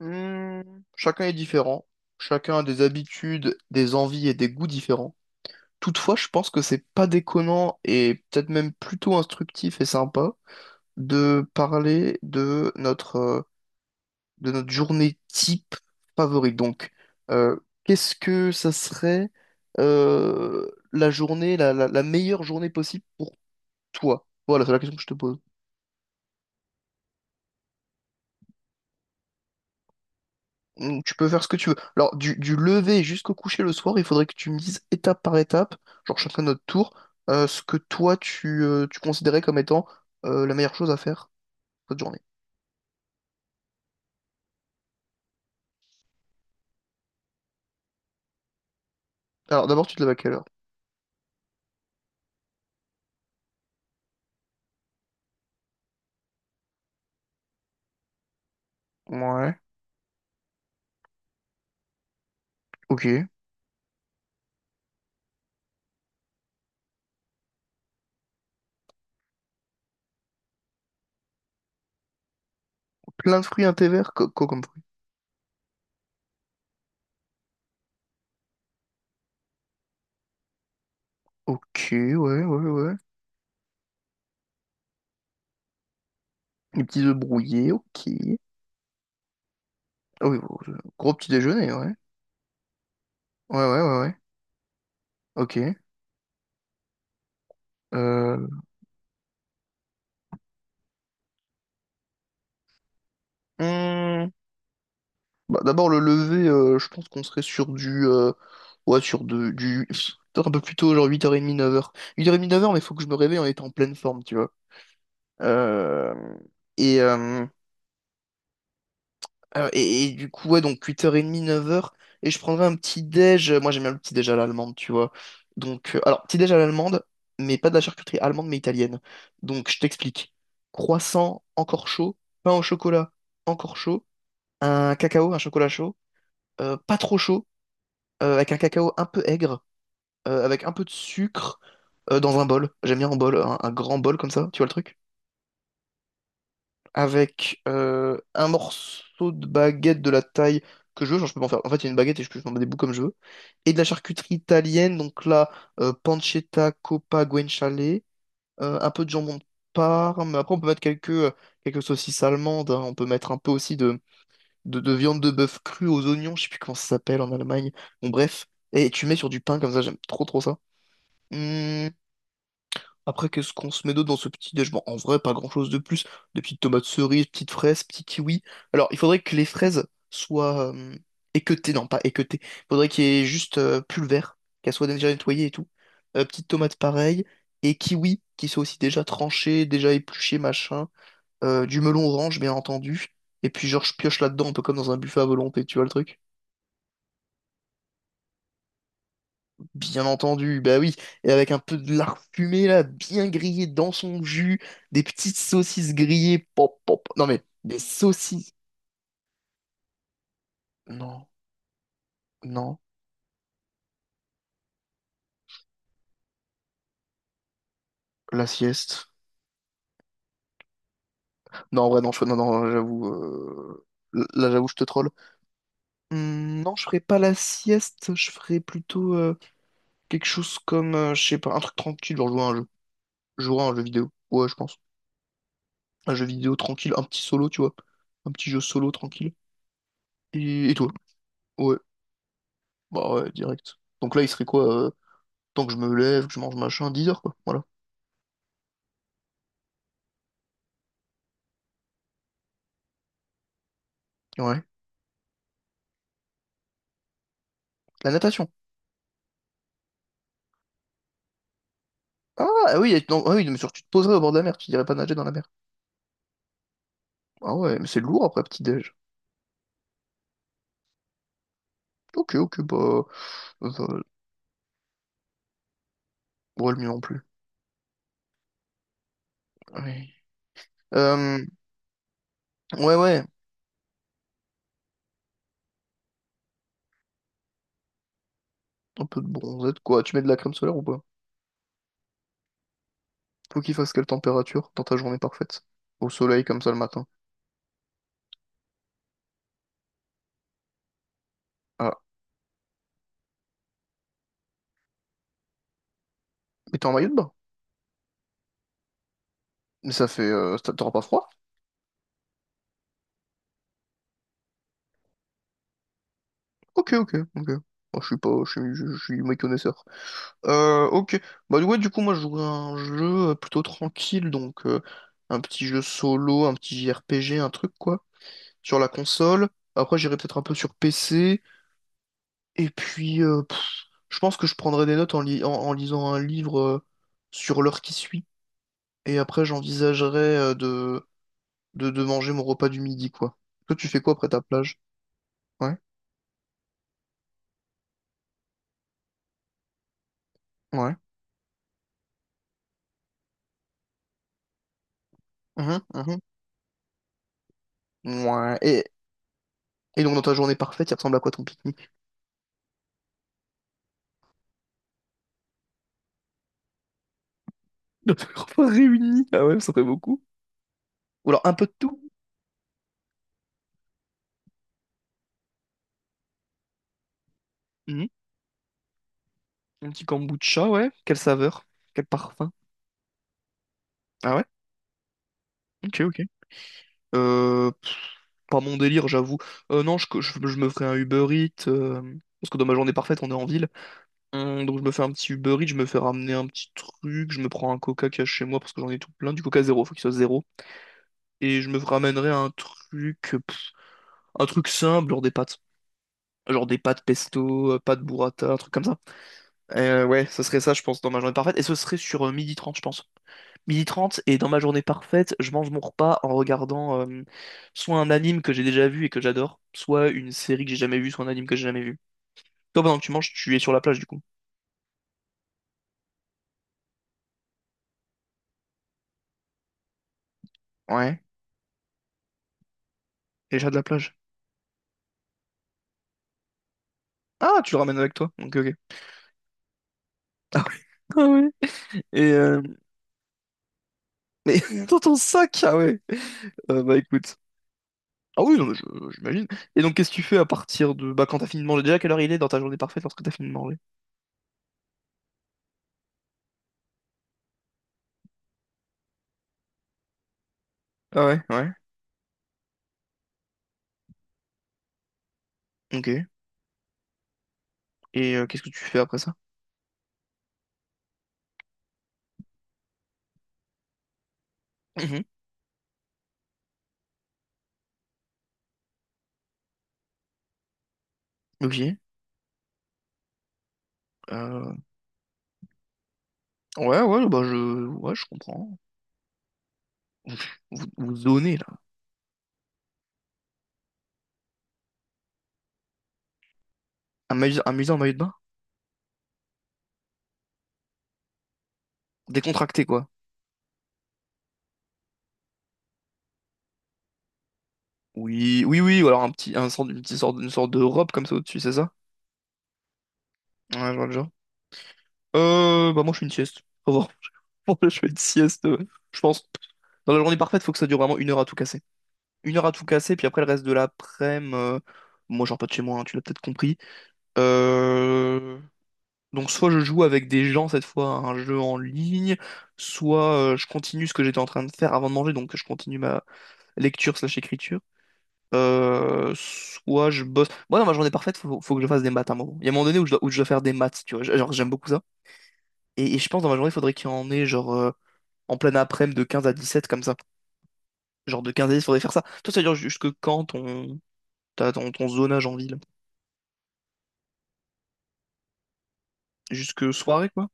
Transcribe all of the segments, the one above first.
Hmm, chacun est différent. Chacun a des habitudes, des envies et des goûts différents. Toutefois, je pense que c'est pas déconnant et peut-être même plutôt instructif et sympa de parler de notre journée type favorite. Donc, euh, qu'est-ce que ça serait la meilleure journée possible pour toi? Voilà, c'est la question que je te pose. Mm, tu peux faire ce que tu veux. Alors, du lever jusqu'au coucher le soir, il faudrait que tu me dises étape par étape, genre chacun notre tour, ce que toi tu considérais comme étant la meilleure chose à faire cette journée. Alors, d'abord, tu te lèves à quelle heure? Ouais. Ok. Plein de fruits, un thé vert, quoi comme fruit? Ok, ouais, ouais, ouais. Des petits œufs brouillés, ok. Ah oui, bon, gros petit déjeuner, ouais. Ouais, ouais, ouais, ouais. Ok. Euh... mmh. Bah, d'abord, le lever, je pense qu'on serait sur du. Ouais, sur de, du. Peut-être un peu plus tôt, genre 8h30, 9h. 8h30, neuf heures, huit heures trente, neuf heures, mais faut que je me réveille en étant en pleine forme, tu vois. Euh, et, euh, et du coup, ouais, donc 8h30, neuf heures. Et je prendrais un petit déj. Moi, j'aime bien le petit déj à l'allemande, tu vois. Donc, alors, petit déj à l'allemande, mais pas de la charcuterie allemande, mais italienne. Donc, je t'explique. Croissant, encore chaud. Pain au chocolat, encore chaud. Un cacao, un chocolat chaud. Pas trop chaud avec un cacao un peu aigre, avec un peu de sucre dans un bol. J'aime bien un bol, un grand bol comme ça, tu vois le truc? Avec un morceau de baguette de la taille que je veux, genre je peux m'en faire. En fait, il y a une baguette et je peux m'en mettre des bouts comme je veux. Et de la charcuterie italienne, donc là, pancetta, coppa, guanciale, un peu de jambon de Parme. Après, on peut mettre quelques saucisses allemandes. Hein. On peut mettre un peu aussi de viande de bœuf crue aux oignons, je sais plus comment ça s'appelle en Allemagne. Bon, bref. Et tu mets sur du pain comme ça, j'aime trop trop ça. Hmm, Après, qu'est-ce qu'on se met d'autre dans ce petit déj? Bon, en vrai, pas grand-chose de plus. Des petites tomates cerises, petites fraises, petits kiwis. Alors, il faudrait que les fraises soient équeutées, non, pas équeutées. Il faudrait qu'il y ait juste pulvère, qu'elles soient déjà nettoyées et tout. Petites tomates pareilles. Et kiwis, qui soient aussi déjà tranchés, déjà épluchés, machin. Du melon orange, bien entendu. Et puis, genre, je pioche là-dedans, un peu comme dans un buffet à volonté, tu vois le truc? Bien entendu, bah oui, et avec un peu de lard fumé là, bien grillé dans son jus, des petites saucisses grillées, pop, pop, non mais des saucisses, non, non, la sieste, non, en vrai, non, non, non, j'avoue, là, j'avoue, je te troll. Non, je ferais pas la sieste, je ferais plutôt quelque chose comme, je sais pas, un truc tranquille, genre jouer à un jeu, jouer à un jeu vidéo, ouais, je pense, un jeu vidéo tranquille, un petit solo, tu vois, un petit jeu solo tranquille, et toi? Ouais, bah ouais, direct. Donc là, il serait quoi? Tant que je me lève, que je mange machin, 10 heures, quoi. Voilà. Ouais. La natation. Ah oui, non, ah oui, mais surtout tu te poserais au bord de la mer, tu dirais pas nager dans la mer. Ah ouais, mais c'est lourd après petit-déj. Ok, ok, bah. euh, ouais, le mieux non plus. Ouais. Euh, ouais, ouais. Un peu de bronzette, quoi. Tu mets de la crème solaire ou pas? Faut qu'il fasse quelle température dans ta journée parfaite? Au soleil comme ça le matin. Ah. Mais t'es en maillot de bain? Mais t'auras pas froid? Ok, ok, ok. Moi, je suis pas. Je suis méconnaisseur. Ok. Bah ouais, du coup, moi, je jouerais à un jeu plutôt tranquille, donc un petit jeu solo, un petit JRPG, un truc, quoi, sur la console. Après, j'irai peut-être un peu sur PC. Et puis, je pense que je prendrai des notes en lisant un livre sur l'heure qui suit. Et après, j'envisagerai de manger mon repas du midi, quoi. Toi, tu fais quoi après ta plage? Ouais, ouais. Mhm, mhm. Ouais. Et donc, dans ta journée parfaite, il ressemble à quoi ton pique-nique? Nos repas réunis. Ah ouais, ça fait beaucoup. Ou alors un peu de tout. Mhm. Un petit kombucha, ouais. Quelle saveur? Quel parfum? Ah ouais? Ok, ok. Euh, pff, Pas mon délire, j'avoue. Non, je me ferai un Uber Eats. Parce que dans ma journée parfaite, on est en ville. Donc je me fais un petit Uber Eats, je me fais ramener un petit truc. Je me prends un Coca qu'il y a chez moi parce que j'en ai tout plein. Du Coca zéro, faut qu'il soit zéro. Et je me ramènerai un truc. pff, un truc simple, genre des pâtes. Genre des pâtes pesto, pâtes burrata, un truc comme ça. Ouais, ce serait ça, je pense, dans ma journée parfaite. Et ce serait sur midi 30 je pense. Midi 30 et dans ma journée parfaite, je mange mon repas en regardant soit un anime que j'ai déjà vu et que j'adore, soit une série que j'ai jamais vue, soit un anime que j'ai jamais vu. Toi, pendant que tu manges, tu es sur la plage du coup. Ouais. Et j'ai de la plage. Ah, tu le ramènes avec toi. Ok, ok. Ah oui. Ah oui. Et euh... mais dans ton sac, ah ouais. Bah écoute. Ah oui, non, mais j'imagine. Et donc, qu'est-ce que tu fais à partir de... Bah, quand t'as fini de manger, déjà, quelle heure il est dans ta journée parfaite lorsque t'as fini de manger? Ah ouais, ouais. Ok. Et qu'est-ce que tu fais après ça? Mhm. Ok. Euh, Ouais, ouais, bah je, ouais, je comprends. Vous, vous zonez, là. Un maillot en maillot de bain? Décontracté, quoi. Oui, oui, oui, ou alors un petit, un sort, une petite sorte, une sorte de robe comme ça au-dessus, c'est ça? Ouais, je vois le genre. Bah moi, je fais une sieste. Au revoir. Je fais une sieste, je pense. Dans la journée parfaite, faut que ça dure vraiment une heure à tout casser. Une heure à tout casser, puis après, le reste de l'après-midi, moi, je sors pas de chez moi, hein, tu l'as peut-être compris. Euh, Donc soit je joue avec des gens cette fois à un jeu en ligne, soit je continue ce que j'étais en train de faire avant de manger, donc je continue ma lecture slash écriture. Soit je bosse. Moi dans ma journée parfaite, faut que je fasse des maths à un moment. Il y a un moment donné où je dois faire des maths, tu vois. Genre j'aime beaucoup ça. Et je pense dans ma journée, il faudrait qu'il y en ait genre en pleine après-midi de 15 à 17 comme ça. Genre de 15 à 10, faudrait faire ça. Toi, ça dure jusque quand ton zonage en ville? Jusque soirée quoi?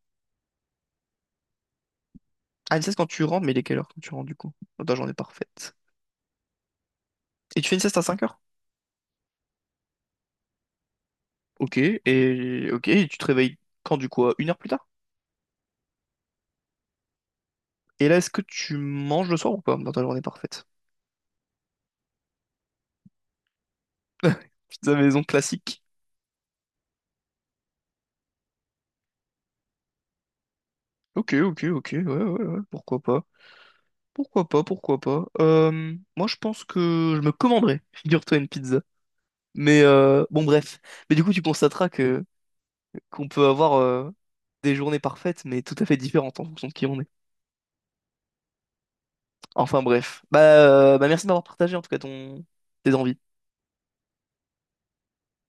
Ah, une sieste quand tu rentres, mais il est quelle heure quand tu rentres du coup? Dans ta journée parfaite. Et tu fais une sieste à cinq heures. Ok, et tu te réveilles quand du coup? À une heure plus tard? Et là, est-ce que tu manges le soir ou pas dans ta journée parfaite? Pizza maison classique. Ok, ok, ok, ouais, ouais, ouais, pourquoi pas. Pourquoi pas, pourquoi pas. Moi, je pense que je me commanderais, figure-toi, une pizza. Mais bon, bref. Mais du coup, tu constateras que qu'on peut avoir des journées parfaites, mais tout à fait différentes en fonction de qui on est. Enfin, bref. Bah merci de m'avoir partagé en tout cas ton tes envies.